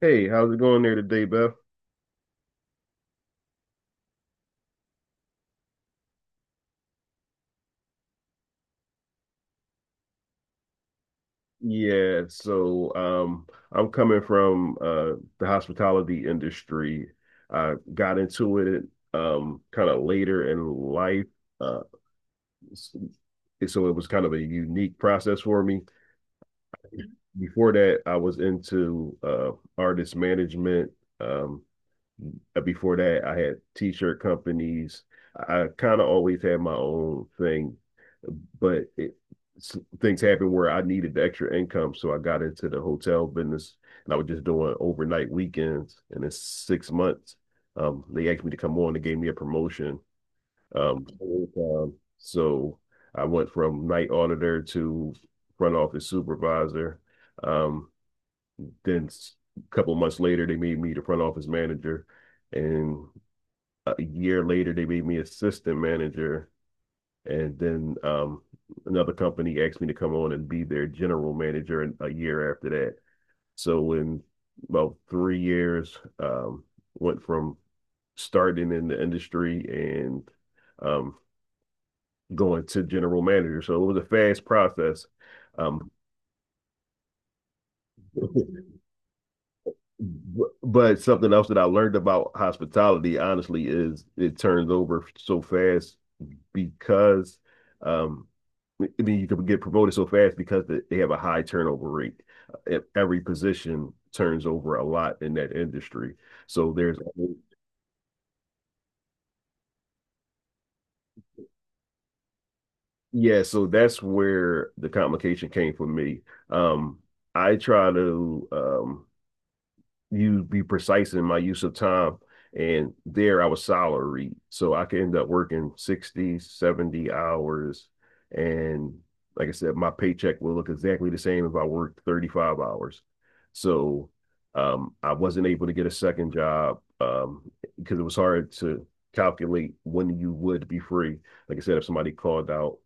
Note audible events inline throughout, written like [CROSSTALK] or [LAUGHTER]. Hey, how's it going there today, Beth? Yeah, so um, I'm coming from the hospitality industry. I got into it kind of later in life, uh, s- so it was kind of a unique process for me. Before that, I was into artist management. Um, Before that, I had t-shirt companies. I kind of always had my own thing but it, things happened where I needed the extra income, so I got into the hotel business, and I was just doing overnight weekends. And in 6 months, they asked me to come on. They gave me a promotion. Um, so I went from night auditor to front office supervisor. Um, then a couple months later, they made me the front office manager, and a year later, they made me assistant manager. And then Another company asked me to come on and be their general manager in, a year after that. So in about 3 years, went from starting in the industry and um, going to general manager. So it was a fast process. Um, [LAUGHS] but something else that I learned about hospitality, honestly, is it turns over so fast because um, I mean, you can get promoted so fast because they have a high turnover rate. Every position turns over a lot in that industry. So there's, yeah, so that's where the complication came for me. Um, I try to you be precise in my use of time. And there I was salaried. So I could end up working 60, 70 hours. And like I said, my paycheck will look exactly the same if I worked 35 hours. So I wasn't able to get a second job because it was hard to calculate when you would be free. Like I said, if somebody called out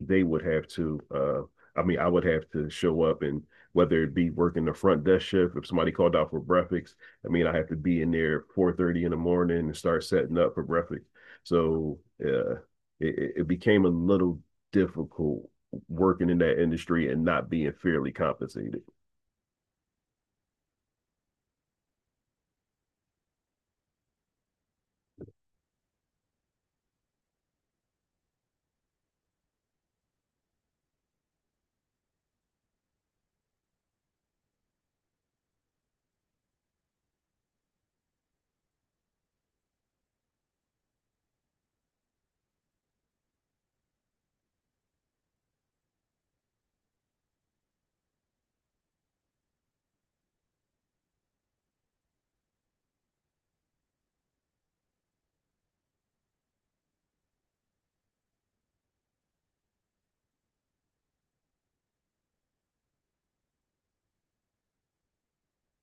they would have to I mean I would have to show up and whether it be working the front desk shift, if somebody called out for breakfast, I mean I have to be in there at 4:30 in the morning and start setting up for breakfast. So uh it became a little difficult working in that industry and not being fairly compensated.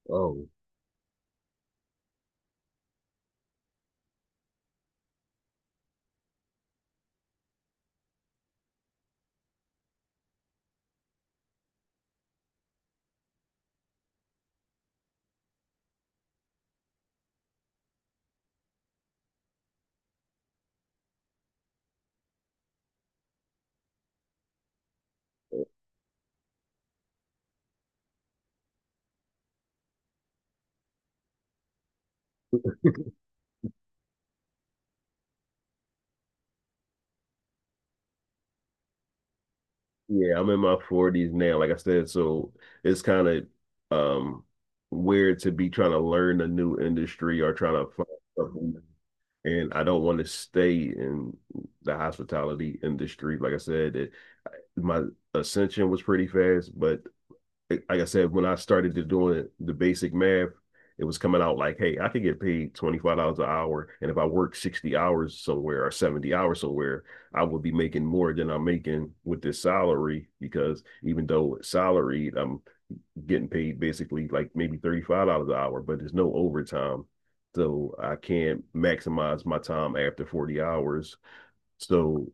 Oh, yeah, I'm in my 40s now, like I said, so it's kind of um weird to be trying to learn a new industry or trying to find something. New. And I don't want to stay in the hospitality industry. My ascension was pretty fast, but like I said, when I started to doing the basic math, it was coming out like, hey, I could get paid $25 an hour, and if I work 60 hours somewhere or 70 hours somewhere, I would be making more than I'm making with this salary because even though it's salaried, I'm getting paid basically like maybe $35 an hour, but there's no overtime, so I can't maximize my time after 40 hours. So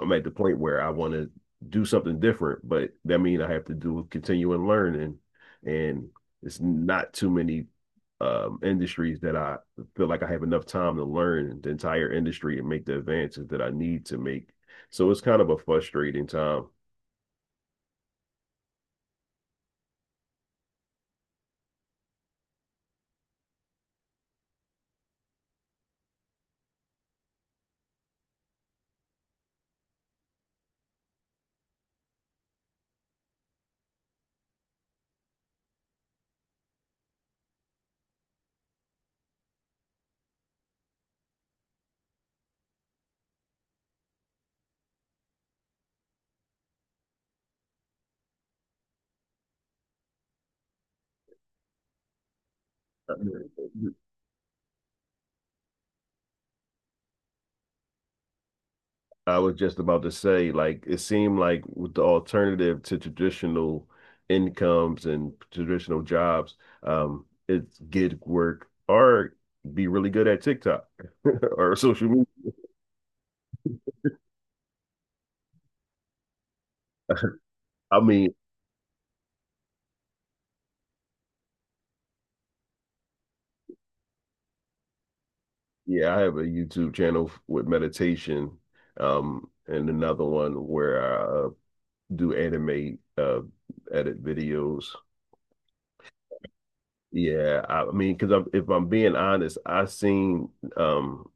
I'm at the point where I want to do something different, but that means I have to do continuing learning, and it's not too many industries that I feel like I have enough time to learn the entire industry and make the advances that I need to make. So it's kind of a frustrating time. I was just about to say, like, it seemed like with the alternative to traditional incomes and traditional jobs, it's gig work or be really good at TikTok. [LAUGHS] Or social media. I mean, yeah, I have a YouTube channel with meditation, and another one where I do animate, uh, edit videos. I mean, because if I'm being honest, I've seen um,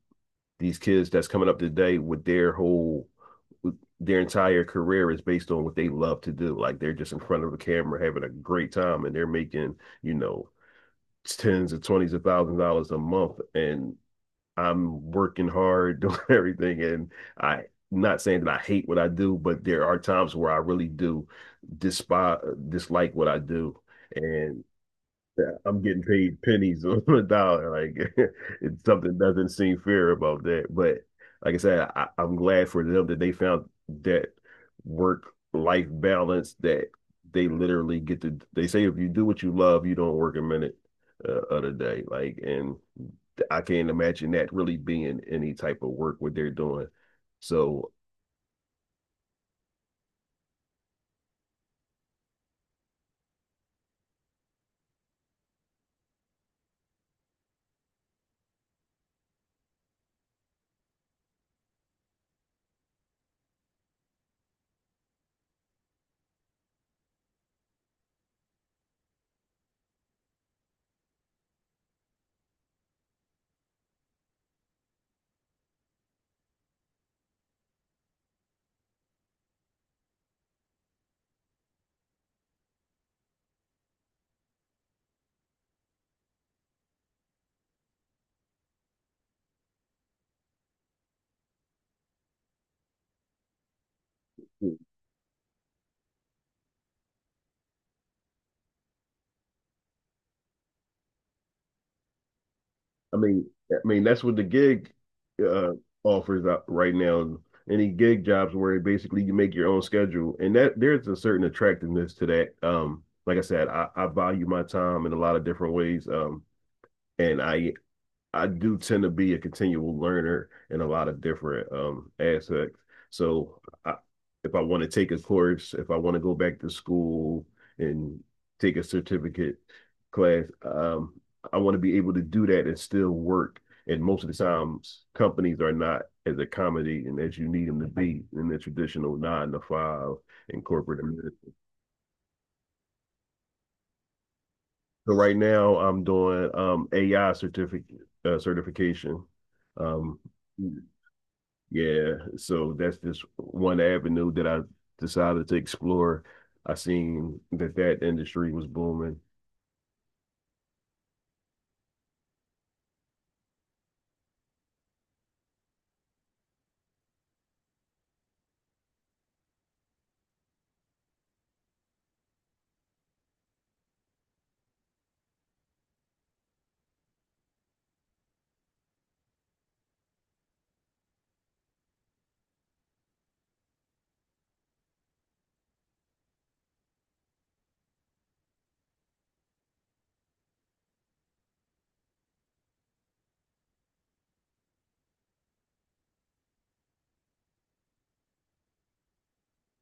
these kids that's coming up today with their their entire career is based on what they love to do. Like they're just in front of a camera having a great time, and they're making, you know, tens of twenties of thousand dollars a month, and I'm working hard, [LAUGHS] doing everything, and I not saying that I hate what I do, but there are times where I really do despise dislike what I do. And yeah, I'm getting paid pennies [LAUGHS] on a dollar. Like [LAUGHS] it's something doesn't seem fair about that. But I'm glad for them that they found that work life balance that they literally get to. They say if you do what you love, you don't work a minute of the day. Like, and I can't imagine that really being any type of work what they're doing. So I mean, I mean that's what the gig uh, offers out right now. Any gig jobs where basically you make your own schedule, and that there's a certain attractiveness to that. I value my time in a lot of different ways. And I do tend to be a continual learner in a lot of different aspects. So I, if I want to take a course, if I want to go back to school and take a certificate class, I want to be able to do that and still work. And most of the times, companies are not as accommodating as you need them to be in the traditional 9 to 5 in corporate. America. So right now, I'm doing AI certificate certification. Um, Yeah, so that's just one avenue that I decided to explore. I seen that that industry was booming.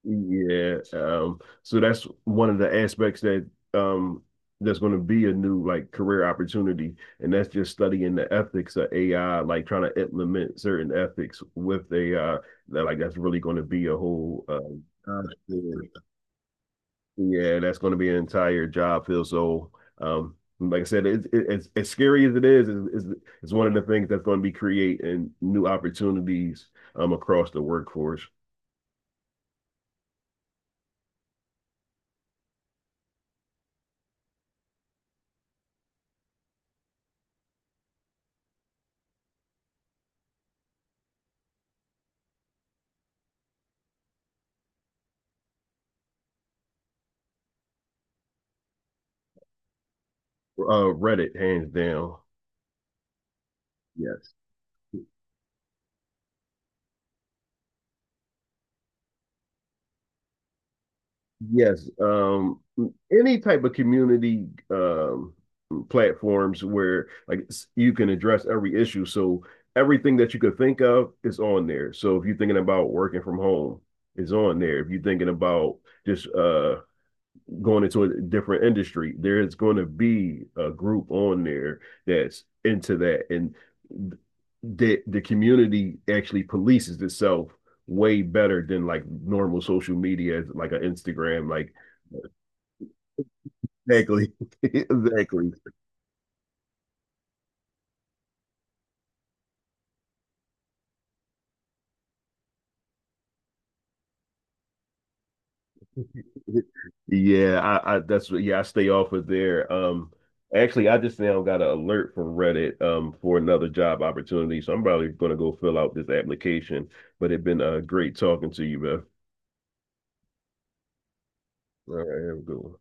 Yeah, so that's one of the aspects that um that's going to be a new like career opportunity, and that's just studying the ethics of AI, like trying to implement certain ethics with AI. That's really going to be a whole yeah, that's going to be an entire job field. So, like I said, it, It's as scary as it is it's one of the things that's going to be creating new opportunities across the workforce. Reddit, hands down. Yes, yes. Any type of community platforms where you can address every issue. So everything that you could think of is on there. So if you're thinking about working from home, is on there. If you're thinking about just going into a different industry, there is going to be a group on there that's into that, and the community actually polices itself way better than like normal social media, like an Instagram, like exactly, [LAUGHS] exactly. Yeah, I stay off of there. Actually, I just now got an alert from Reddit for another job opportunity, so I'm probably gonna go fill out this application. But it's been great talking to you, man. All right, have a good one.